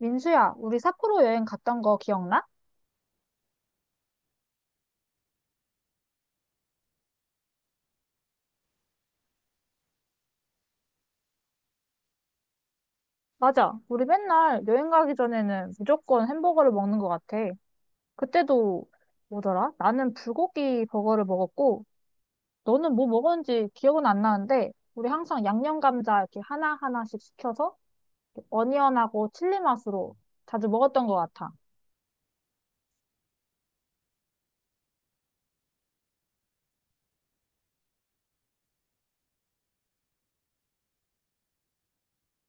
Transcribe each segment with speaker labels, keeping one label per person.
Speaker 1: 민수야, 우리 삿포로 여행 갔던 거 기억나? 맞아. 우리 맨날 여행 가기 전에는 무조건 햄버거를 먹는 것 같아. 그때도 뭐더라? 나는 불고기 버거를 먹었고, 너는 뭐 먹었는지 기억은 안 나는데, 우리 항상 양념 감자 이렇게 하나하나씩 시켜서 어니언하고 칠리 맛으로 자주 먹었던 것 같아.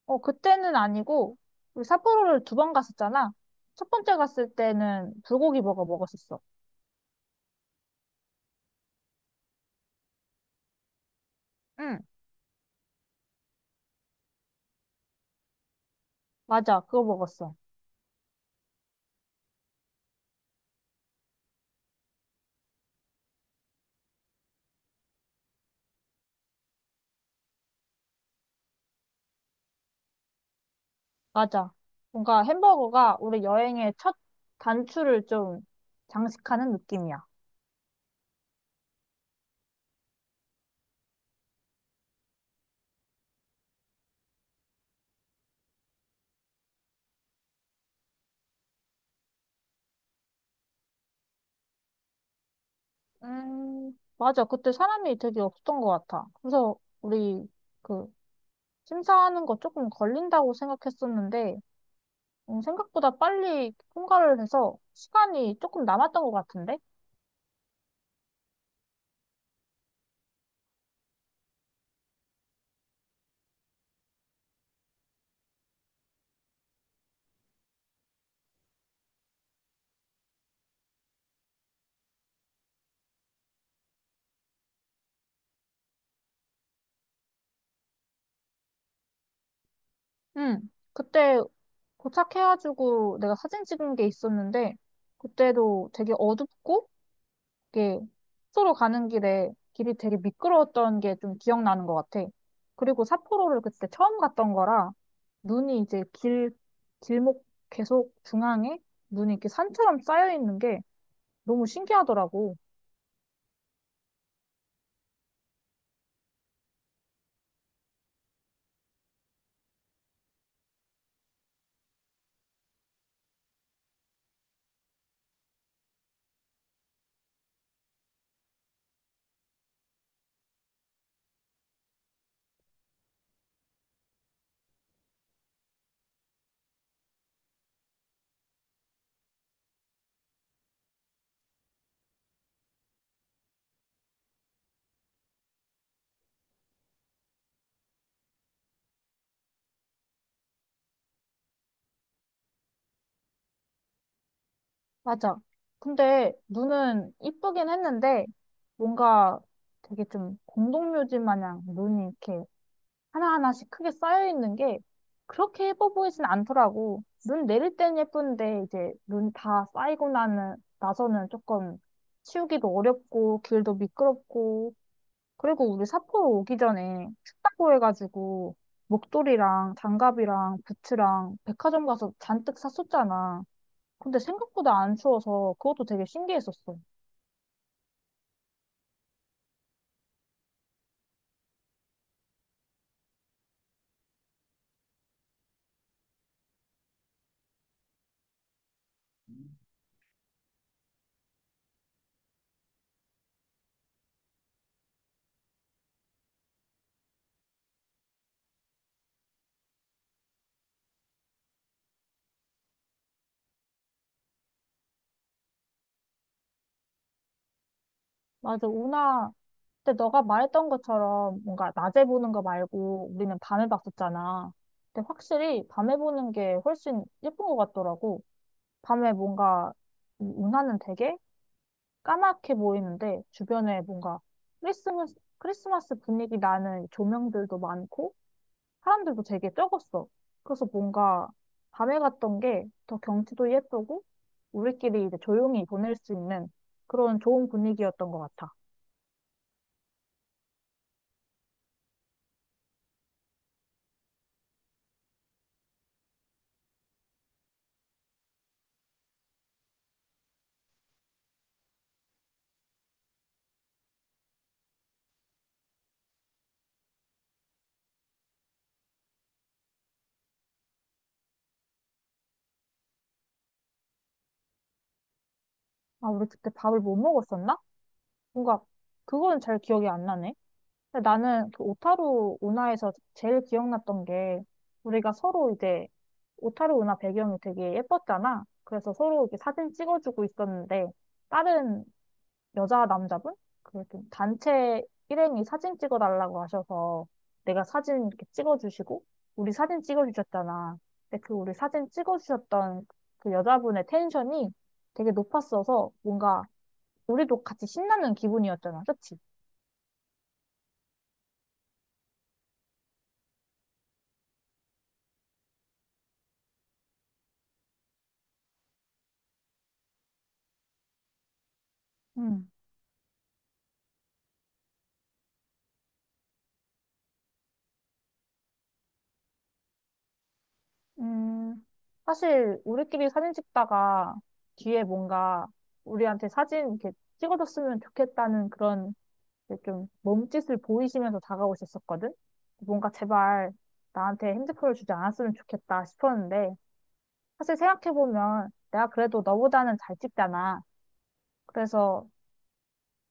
Speaker 1: 어, 그때는 아니고, 우리 삿포로를 두 번 갔었잖아. 첫 번째 갔을 때는 불고기 버거 먹었었어. 응, 맞아. 그거 먹었어. 맞아. 뭔가 햄버거가 우리 여행의 첫 단추를 좀 장식하는 느낌이야. 맞아. 그때 사람이 되게 없었던 것 같아. 그래서 우리 그 심사하는 거 조금 걸린다고 생각했었는데, 생각보다 빨리 통과를 해서 시간이 조금 남았던 것 같은데? 응. 그때 도착해가지고 내가 사진 찍은 게 있었는데, 그때도 되게 어둡고 이게 삿포로 가는 길에 길이 되게 미끄러웠던 게 좀 기억나는 것 같아. 그리고 삿포로를 그때 처음 갔던 거라 눈이 이제 길, 길목 계속 중앙에 눈이 이렇게 산처럼 쌓여 있는 게 너무 신기하더라고. 맞아. 근데 눈은 이쁘긴 했는데 뭔가 되게 좀 공동묘지 마냥 눈이 이렇게 하나하나씩 크게 쌓여있는 게 그렇게 예뻐 보이진 않더라고. 눈 내릴 땐 예쁜데 이제 눈 다 쌓이고 나서는 조금 치우기도 어렵고 길도 미끄럽고 그리고 우리 삿포로 오기 전에 춥다고 해가지고 목도리랑 장갑이랑 부츠랑 백화점 가서 잔뜩 샀었잖아. 근데 생각보다 안 추워서 그것도 되게 신기했었어. 맞아, 운하 근데 너가 말했던 것처럼 뭔가 낮에 보는 거 말고 우리는 밤에 봤었잖아. 근데 확실히 밤에 보는 게 훨씬 예쁜 것 같더라고. 밤에 뭔가 이 운하는 되게 까맣게 보이는데 주변에 뭔가 크리스마스 분위기 나는 조명들도 많고 사람들도 되게 적었어. 그래서 뭔가 밤에 갔던 게 더 경치도 예쁘고 우리끼리 이제 조용히 보낼 수 있는 그런 좋은 분위기였던 것 같아. 아, 우리 그때 밥을 못 먹었었나? 뭔가 그건 잘 기억이 안 나네. 근데 나는 그 오타루 운하에서 제일 기억났던 게 우리가 서로 이제 오타루 운하 배경이 되게 예뻤잖아. 그래서 서로 이렇게 사진 찍어주고 있었는데 다른 여자 남자분 그 단체 일행이 사진 찍어달라고 하셔서 내가 사진 이렇게 찍어주시고 우리 사진 찍어주셨잖아. 근데 그 우리 사진 찍어주셨던 그 여자분의 텐션이 되게 높았어서 뭔가 우리도 같이 신나는 기분이었잖아. 그치? 음, 음, 사실 우리끼리 사진 찍다가 뒤에 뭔가 우리한테 사진 이렇게 찍어줬으면 좋겠다는 그런 이제 좀 몸짓을 보이시면서 다가오셨었거든? 뭔가 제발 나한테 핸드폰을 주지 않았으면 좋겠다 싶었는데 사실 생각해보면 내가 그래도 너보다는 잘 찍잖아. 그래서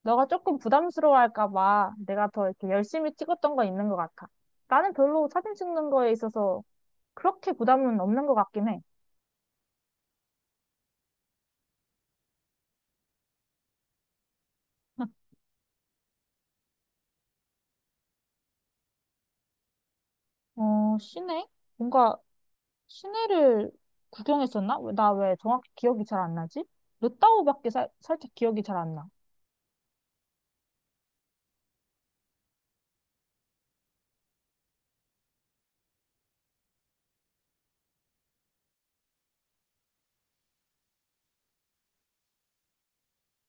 Speaker 1: 너가 조금 부담스러워할까 봐 내가 더 이렇게 열심히 찍었던 거 있는 것 같아. 나는 별로 사진 찍는 거에 있어서 그렇게 부담은 없는 것 같긴 해. 어, 시내? 뭔가 시내를 구경했었나? 나 왜 정확히 기억이 잘 안 나지? 르따우밖에 살 살짝 기억이 잘 안 나.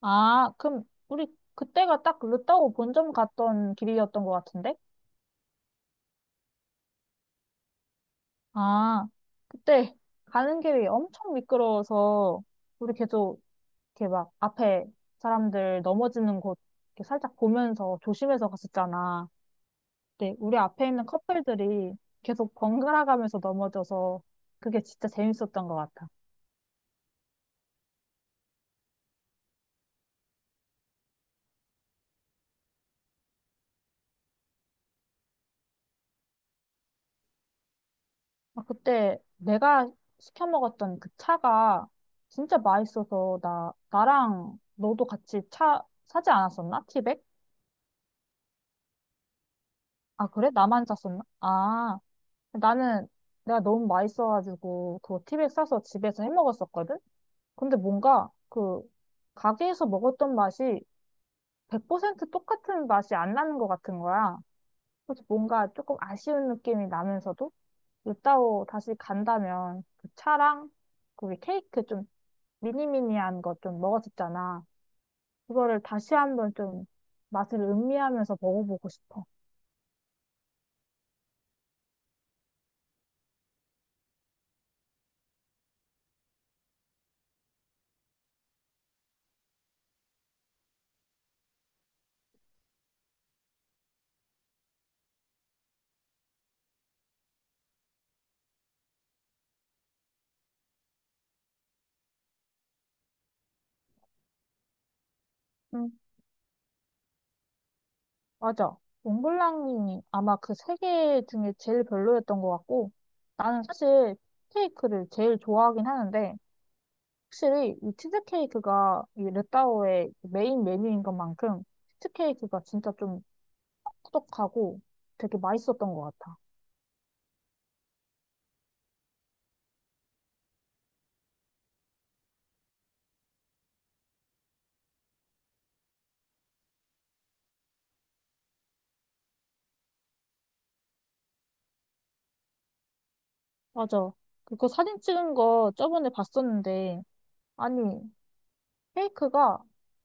Speaker 1: 아, 그럼 우리 그때가 딱 르따우 본점 갔던 길이었던 것 같은데? 아, 그때 가는 길이 엄청 미끄러워서 우리 계속 이렇게 막 앞에 사람들 넘어지는 곳 이렇게 살짝 보면서 조심해서 갔었잖아. 네, 우리 앞에 있는 커플들이 계속 번갈아가면서 넘어져서 그게 진짜 재밌었던 것 같아. 아, 그때 내가 시켜 먹었던 그 차가 진짜 맛있어서 나랑 너도 같이 차 사지 않았었나? 티백? 아, 그래? 나만 샀었나? 아, 나는 내가 너무 맛있어가지고 그거 티백 사서 집에서 해 먹었었거든? 근데 뭔가 그 가게에서 먹었던 맛이 100% 똑같은 맛이 안 나는 것 같은 거야. 그래서 뭔가 조금 아쉬운 느낌이 나면서도 루따오 다시 간다면 그 차랑 거기 케이크 좀 미니미니한 거 좀 먹었었잖아. 그거를 다시 한번 좀 맛을 음미하면서 먹어보고 싶어. 응, 맞아. 몽블랑이 아마 그 세 개 중에 제일 별로였던 것 같고 나는 사실 케이크를 제일 좋아하긴 하는데 확실히 이 치즈케이크가 이 루따오의 메인 메뉴인 것만큼 치즈케이크가 진짜 좀 꾸덕꾸덕하고 되게 맛있었던 것 같아. 맞아. 그거 사진 찍은 거 저번에 봤었는데, 아니, 케이크가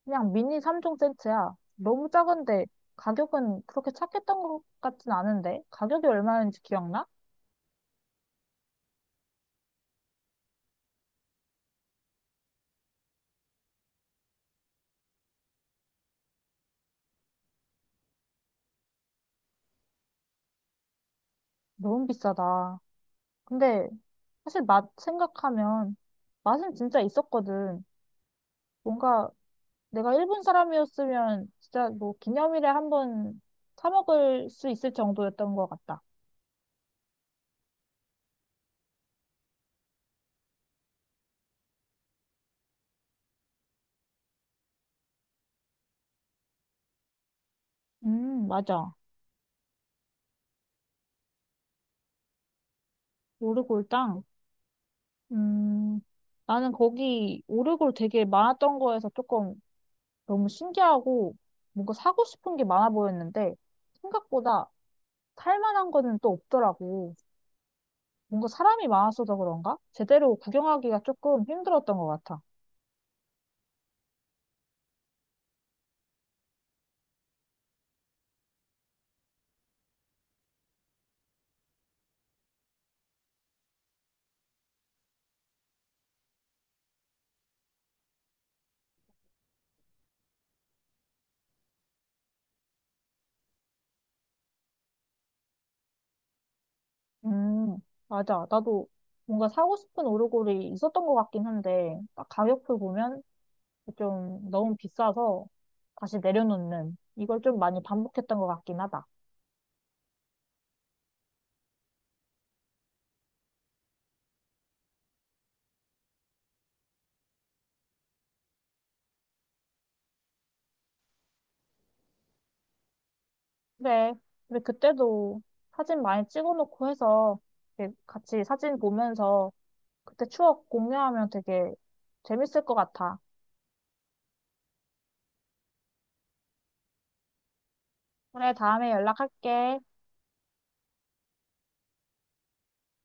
Speaker 1: 그냥 미니 3종 세트야. 너무 작은데 가격은 그렇게 착했던 것 같진 않은데, 가격이 얼마였는지 기억나? 너무 비싸다. 근데 사실 맛 생각하면 맛은 진짜 있었거든. 뭔가 내가 일본 사람이었으면 진짜 뭐 기념일에 한번 사 먹을 수 있을 정도였던 것 같다. 맞아. 오르골 땅? 음, 나는 거기 오르골 되게 많았던 거에서 조금 너무 신기하고 뭔가 사고 싶은 게 많아 보였는데 생각보다 살 만한 거는 또 없더라고. 뭔가 사람이 많았어서 그런가? 제대로 구경하기가 조금 힘들었던 것 같아. 음, 맞아. 나도 뭔가 사고 싶은 오르골이 있었던 것 같긴 한데 딱 가격표 보면 좀 너무 비싸서 다시 내려놓는 이걸 좀 많이 반복했던 것 같긴 하다. 그래. 근데 그때도 사진 많이 찍어놓고 해서 이렇게 같이 사진 보면서 그때 추억 공유하면 되게 재밌을 것 같아. 그래, 다음에 연락할게.